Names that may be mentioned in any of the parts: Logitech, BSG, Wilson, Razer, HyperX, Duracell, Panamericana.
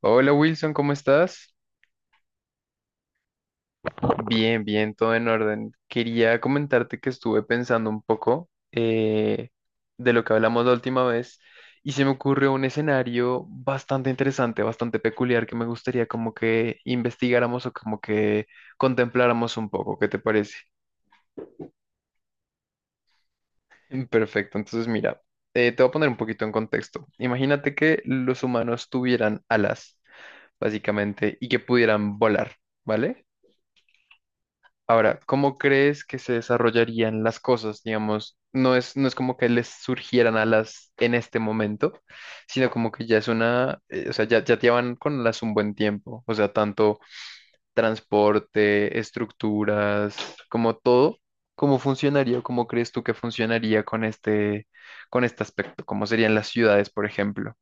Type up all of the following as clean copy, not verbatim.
Hola Wilson, ¿cómo estás? Bien, bien, todo en orden. Quería comentarte que estuve pensando un poco de lo que hablamos la última vez y se me ocurrió un escenario bastante interesante, bastante peculiar que me gustaría como que investigáramos o como que contempláramos un poco. ¿Qué te parece? Perfecto, entonces mira, te voy a poner un poquito en contexto. Imagínate que los humanos tuvieran alas, básicamente, y que pudieran volar, ¿vale? Ahora, ¿cómo crees que se desarrollarían las cosas? Digamos, no es como que les surgieran alas en este momento, sino como que ya es una, o sea, ya llevan con las un buen tiempo. O sea, tanto transporte, estructuras, como todo, ¿cómo funcionaría o cómo crees tú que funcionaría con este aspecto? ¿Cómo serían las ciudades, por ejemplo?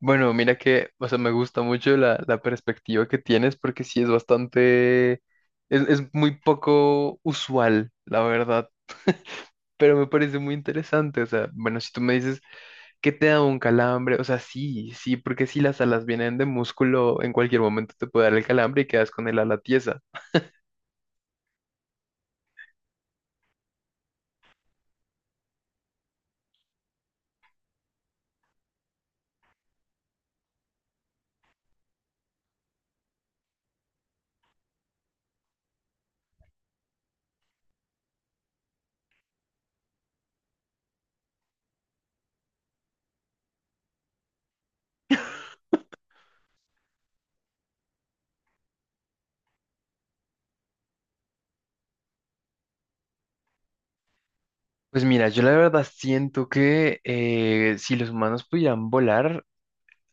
Bueno, mira que, o sea, me gusta mucho la perspectiva que tienes porque sí es bastante, es muy poco usual, la verdad, pero me parece muy interesante, o sea, bueno, si tú me dices que te da un calambre, o sea, sí, sí, porque si las alas vienen de músculo, en cualquier momento te puede dar el calambre y quedas con el ala tiesa. Pues mira, yo la verdad siento que si los humanos pudieran volar,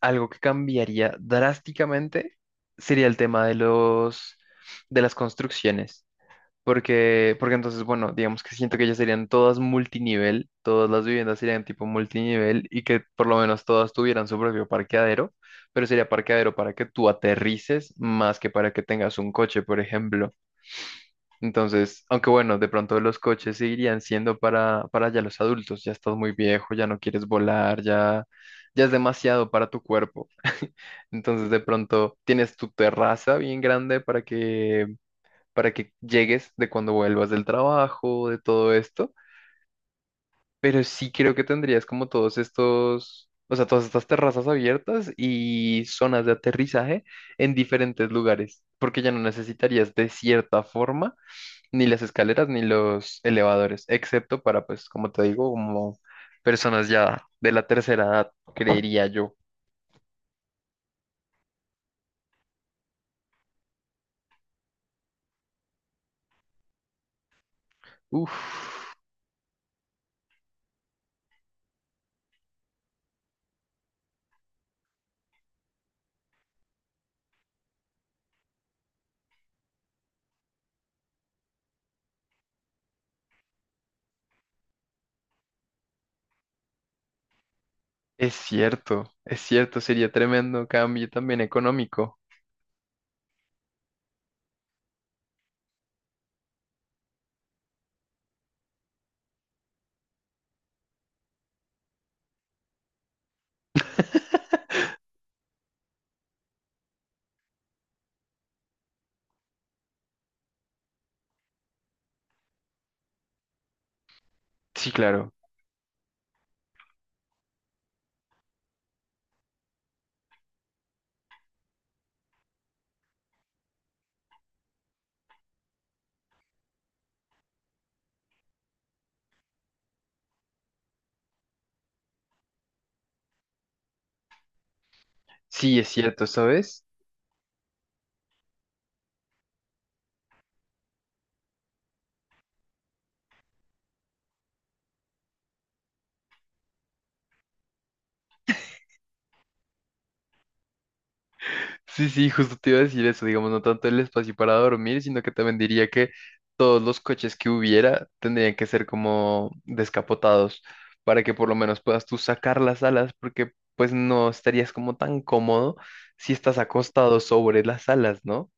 algo que cambiaría drásticamente sería el tema de las construcciones, porque entonces, bueno, digamos que siento que ya serían todas multinivel, todas las viviendas serían tipo multinivel y que por lo menos todas tuvieran su propio parqueadero, pero sería parqueadero para que tú aterrices más que para que tengas un coche, por ejemplo. Entonces, aunque bueno, de pronto los coches seguirían siendo para ya los adultos, ya estás muy viejo, ya no quieres volar, ya es demasiado para tu cuerpo. Entonces de pronto tienes tu terraza bien grande para que llegues de cuando vuelvas del trabajo, de todo esto. Pero sí creo que tendrías como todos estos, o sea, todas estas terrazas abiertas y zonas de aterrizaje en diferentes lugares, porque ya no necesitarías de cierta forma ni las escaleras ni los elevadores, excepto para, pues, como te digo, como personas ya de la tercera edad, creería yo. Uf. Es cierto, sería tremendo cambio también económico. Sí, claro. Sí, es cierto, ¿sabes? Sí, sí, justo te iba a decir eso, digamos, no tanto el espacio para dormir, sino que también diría que todos los coches que hubiera tendrían que ser como descapotados para que por lo menos puedas tú sacar las alas, porque pues no estarías como tan cómodo si estás acostado sobre las alas, ¿no?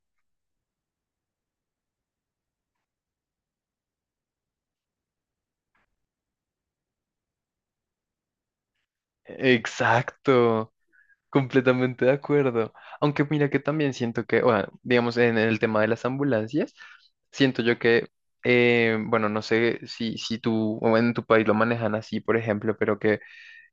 Exacto. Completamente de acuerdo. Aunque mira que también siento que, bueno, digamos en el tema de las ambulancias, siento yo que, bueno, no sé si tú o en tu país lo manejan así, por ejemplo, pero que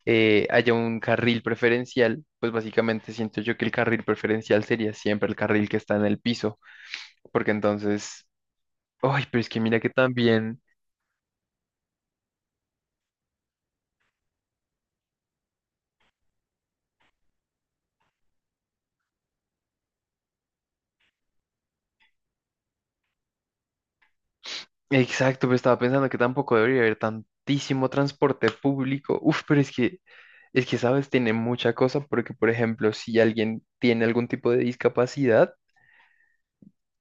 haya un carril preferencial, pues básicamente siento yo que el carril preferencial sería siempre el carril que está en el piso, porque entonces, ay, pero es que mira que también... Exacto, pero estaba pensando que tampoco debería haber tantísimo transporte público. Uf, pero es que, ¿sabes? Tiene mucha cosa porque, por ejemplo, si alguien tiene algún tipo de discapacidad,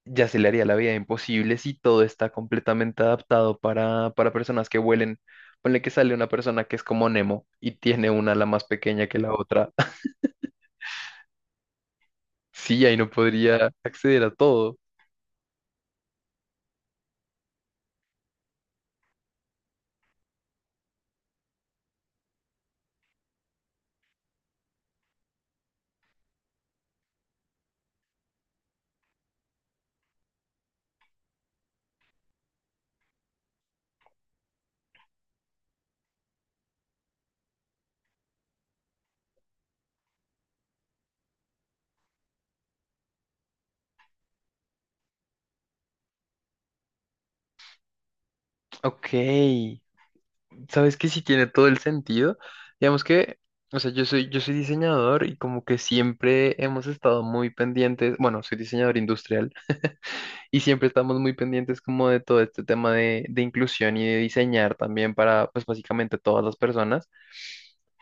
ya se le haría la vida imposible si todo está completamente adaptado para personas que vuelen. Ponle que sale una persona que es como Nemo y tiene una ala más pequeña que la otra. Sí, ahí no podría acceder a todo. Ok, sabes que sí tiene todo el sentido. Digamos que, o sea, yo soy diseñador y como que siempre hemos estado muy pendientes, bueno, soy diseñador industrial y siempre estamos muy pendientes como de todo este tema de inclusión y de diseñar también para, pues básicamente todas las personas.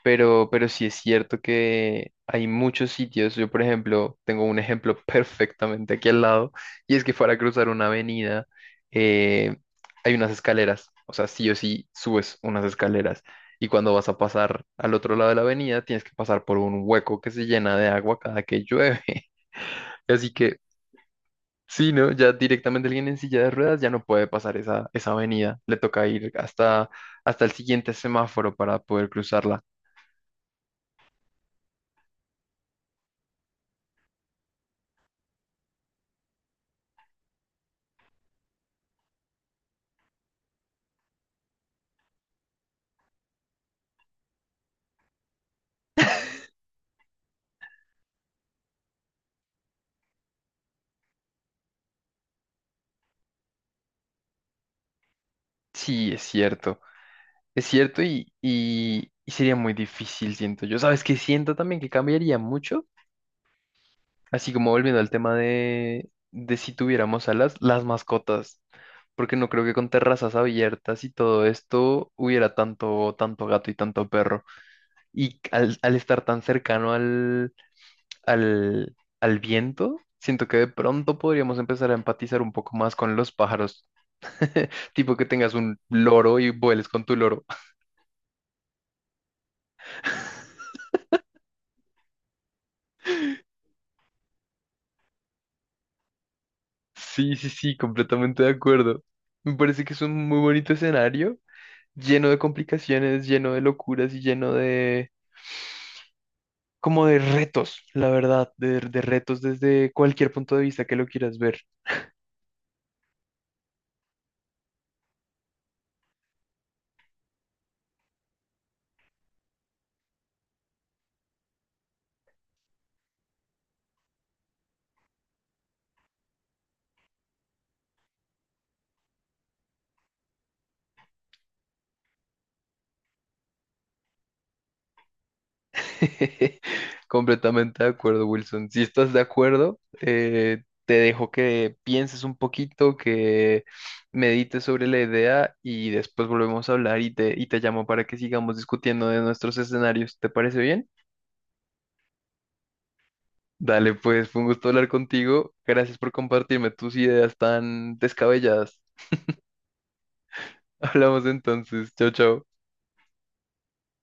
Pero sí es cierto que hay muchos sitios. Yo, por ejemplo, tengo un ejemplo perfectamente aquí al lado, y es que para cruzar una avenida eh, hay unas escaleras. O sea, sí o sí subes unas escaleras. Y cuando vas a pasar al otro lado de la avenida, tienes que pasar por un hueco que se llena de agua cada que llueve. Así que, sí, ¿no? Ya directamente alguien en silla de ruedas ya no puede pasar esa, esa avenida. Le toca ir hasta, hasta el siguiente semáforo para poder cruzarla. Sí, es cierto. Es cierto y sería muy difícil, siento yo. ¿Sabes qué? Siento también que cambiaría mucho, así como volviendo al tema de si tuviéramos alas, las mascotas, porque no creo que con terrazas abiertas y todo esto hubiera tanto, tanto gato y tanto perro. Y al estar tan cercano al viento, siento que de pronto podríamos empezar a empatizar un poco más con los pájaros, tipo que tengas un loro y vueles con tu loro. Sí, sí, sí, completamente de acuerdo. Me parece que es un muy bonito escenario, lleno de complicaciones, lleno de locuras y lleno de, como de retos, la verdad, de retos desde cualquier punto de vista que lo quieras ver. Completamente de acuerdo, Wilson. Si estás de acuerdo, te dejo que pienses un poquito, que medites sobre la idea y después volvemos a hablar y te llamo para que sigamos discutiendo de nuestros escenarios. ¿Te parece bien? Dale, pues fue un gusto hablar contigo. Gracias por compartirme tus ideas tan descabelladas. Hablamos entonces. Chao, chao.